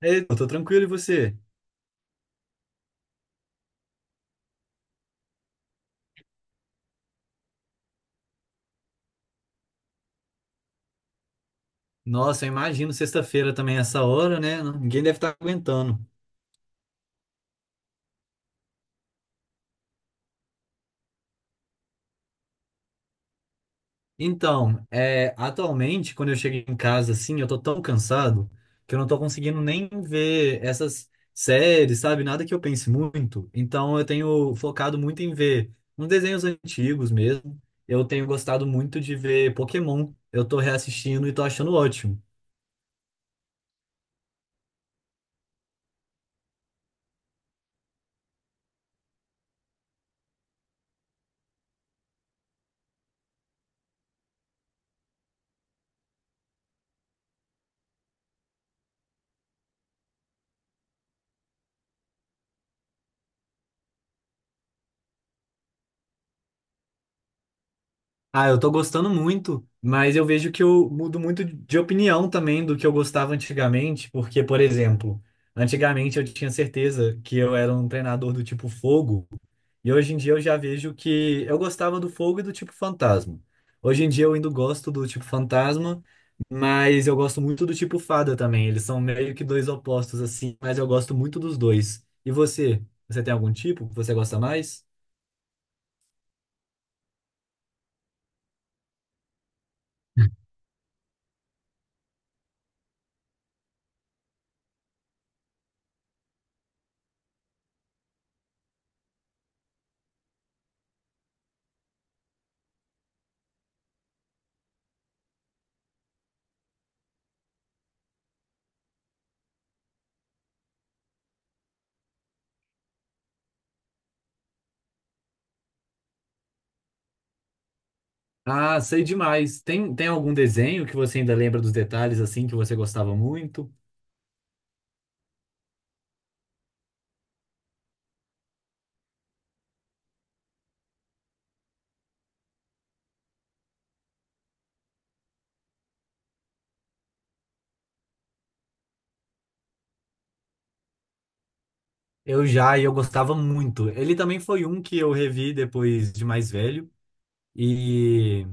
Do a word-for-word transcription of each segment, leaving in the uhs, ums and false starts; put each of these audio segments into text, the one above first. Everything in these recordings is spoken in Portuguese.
Ei, eu tô tranquilo, e você? Nossa, eu imagino sexta-feira também essa hora, né? Ninguém deve estar aguentando. Então, é, atualmente, quando eu chego em casa, assim, eu tô tão cansado que eu não tô conseguindo nem ver essas séries, sabe? Nada que eu pense muito. Então, eu tenho focado muito em ver uns desenhos antigos mesmo. Eu tenho gostado muito de ver Pokémon. Eu tô reassistindo e tô achando ótimo. Ah, eu tô gostando muito, mas eu vejo que eu mudo muito de opinião também do que eu gostava antigamente, porque, por exemplo, antigamente eu tinha certeza que eu era um treinador do tipo fogo, e hoje em dia eu já vejo que eu gostava do fogo e do tipo fantasma. Hoje em dia eu ainda gosto do tipo fantasma, mas eu gosto muito do tipo fada também. Eles são meio que dois opostos assim, mas eu gosto muito dos dois. E você? Você tem algum tipo que você gosta mais? Ah, sei demais. Tem, tem algum desenho que você ainda lembra dos detalhes assim que você gostava muito? Eu já, e eu gostava muito. Ele também foi um que eu revi depois de mais velho. e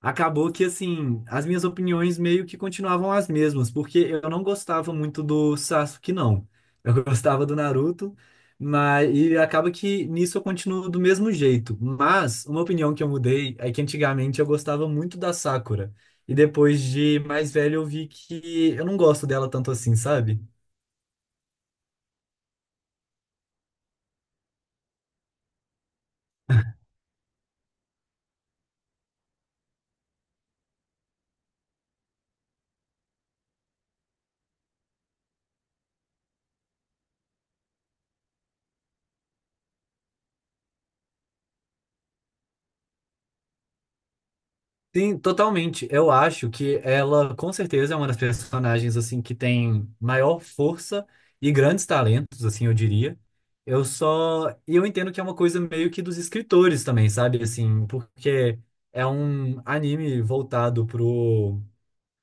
Acabou que, assim, as minhas opiniões meio que continuavam as mesmas, porque eu não gostava muito do Sasuke, não. Eu gostava do Naruto, mas e acaba que nisso eu continuo do mesmo jeito. Mas uma opinião que eu mudei é que antigamente eu gostava muito da Sakura, e depois de mais velho eu vi que eu não gosto dela tanto assim, sabe? Sim, totalmente. Eu acho que ela, com certeza, é uma das personagens assim que tem maior força e grandes talentos, assim, eu diria. Eu só, e eu entendo que é uma coisa meio que dos escritores também, sabe? Assim, porque é um anime voltado pro,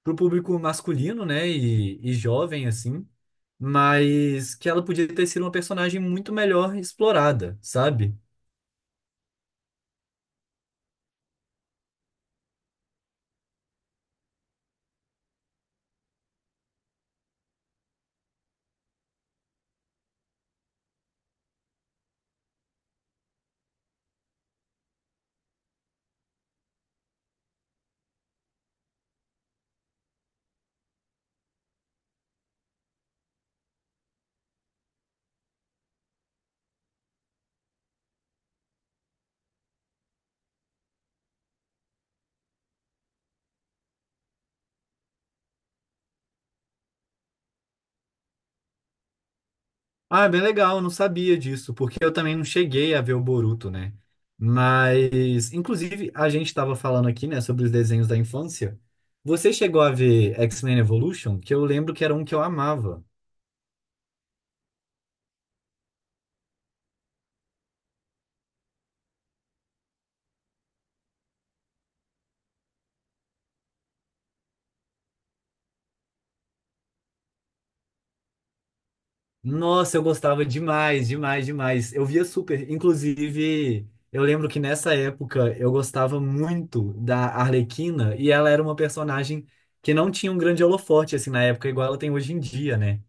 pro público masculino, né? E, e jovem, assim, mas que ela podia ter sido uma personagem muito melhor explorada, sabe? Ah, é bem legal, eu não sabia disso, porque eu também não cheguei a ver o Boruto, né? Mas, inclusive, a gente estava falando aqui, né, sobre os desenhos da infância. Você chegou a ver X-Men Evolution? Que eu lembro que era um que eu amava. Nossa, eu gostava demais, demais, demais. Eu via super. Inclusive, eu lembro que nessa época eu gostava muito da Arlequina e ela era uma personagem que não tinha um grande holofote, assim, na época, igual ela tem hoje em dia, né?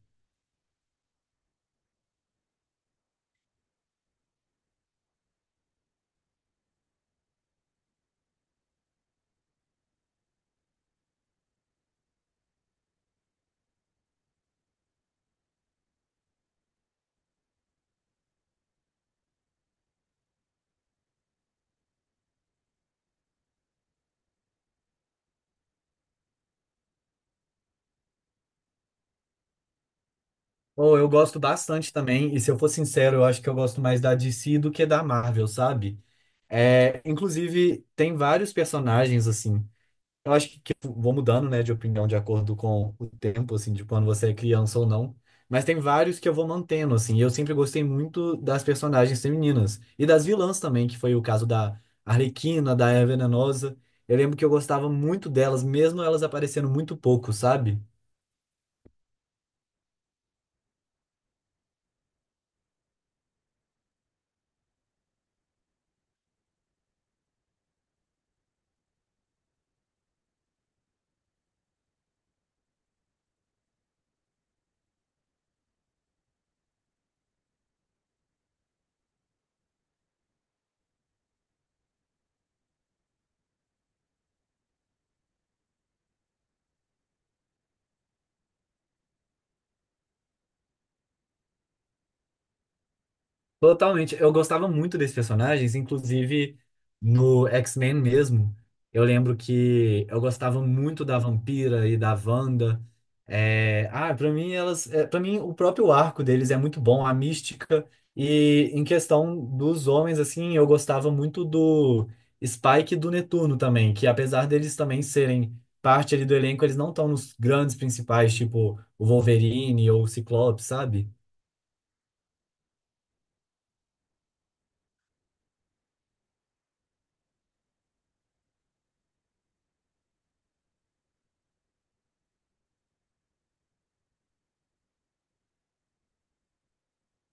Ou eu gosto bastante também, e se eu for sincero, eu acho que eu gosto mais da D C do que da Marvel, sabe? É, inclusive, tem vários personagens, assim. Eu acho que, que eu vou mudando, né, de opinião de acordo com o tempo, assim, de quando você é criança ou não. Mas tem vários que eu vou mantendo, assim. e Eu sempre gostei muito das personagens femininas. E das vilãs também, que foi o caso da Arlequina, da Eva Venenosa. Eu lembro que eu gostava muito delas, mesmo elas aparecendo muito pouco, sabe? Totalmente. Eu gostava muito desses personagens, inclusive no X-Men mesmo. Eu lembro que eu gostava muito da Vampira e da Wanda. É, ah, para mim elas, é, para mim o próprio arco deles é muito bom, a mística. E em questão dos homens, assim, eu gostava muito do Spike e do Netuno também, que apesar deles também serem parte ali do elenco, eles não estão nos grandes principais, tipo o Wolverine ou o Ciclope, sabe?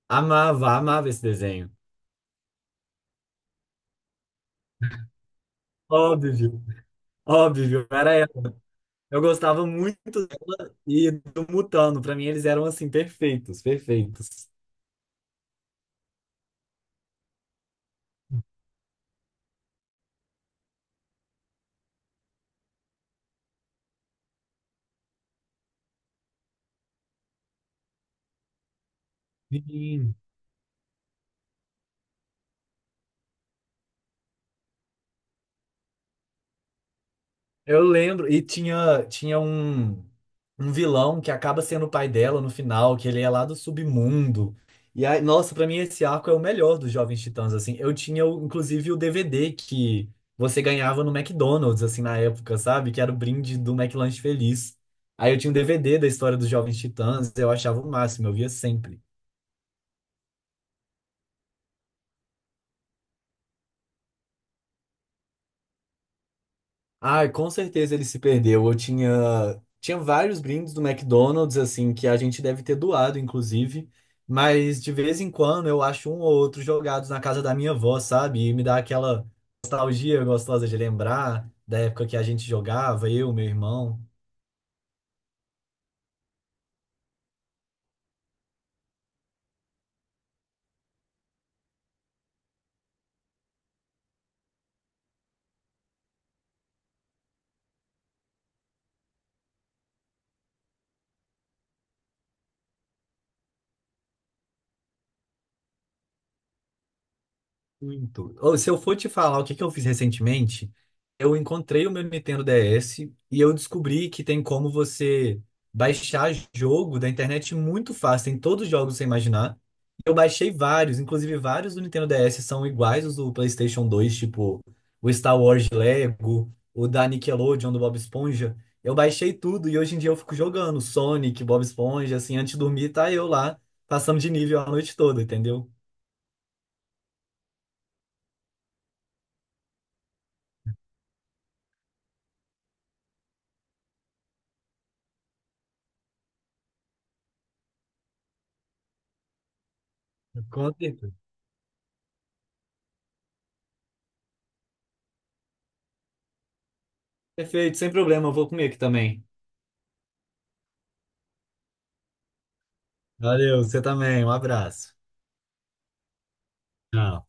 Amava, amava esse desenho. Óbvio, óbvio, era ela. Eu gostava muito e do Mutano, pra mim eles eram assim perfeitos, perfeitos. Sim. Eu lembro e tinha tinha um um vilão que acaba sendo o pai dela no final, que ele é lá do submundo. E aí, nossa, pra mim esse arco é o melhor dos Jovens Titãs assim. Eu tinha o- inclusive o D V D que você ganhava no McDonald's assim na época, sabe? Que era o brinde do McLanche Feliz. Aí eu tinha um D V D da história dos Jovens Titãs, eu achava o máximo, eu via sempre. Ai, com certeza ele se perdeu. Eu tinha, tinha vários brindes do McDonald's, assim, que a gente deve ter doado, inclusive. Mas de vez em quando eu acho um ou outro jogados na casa da minha avó, sabe? E me dá aquela nostalgia gostosa de lembrar da época que a gente jogava, eu, meu irmão. Muito. Ou, se eu for te falar o que que eu fiz recentemente, eu encontrei o meu Nintendo D S e eu descobri que tem como você baixar jogo da internet muito fácil. Tem todos os jogos que você imaginar. Eu baixei vários, inclusive vários do Nintendo D S são iguais os do PlayStation dois, tipo o Star Wars Lego, o da Nickelodeon, do Bob Esponja. Eu baixei tudo e hoje em dia eu fico jogando Sonic, Bob Esponja, assim, antes de dormir, tá eu lá, passando de nível a noite toda, entendeu? Conta Perfeito, sem problema, eu vou comer aqui também. Valeu, você também. Um abraço. Tchau.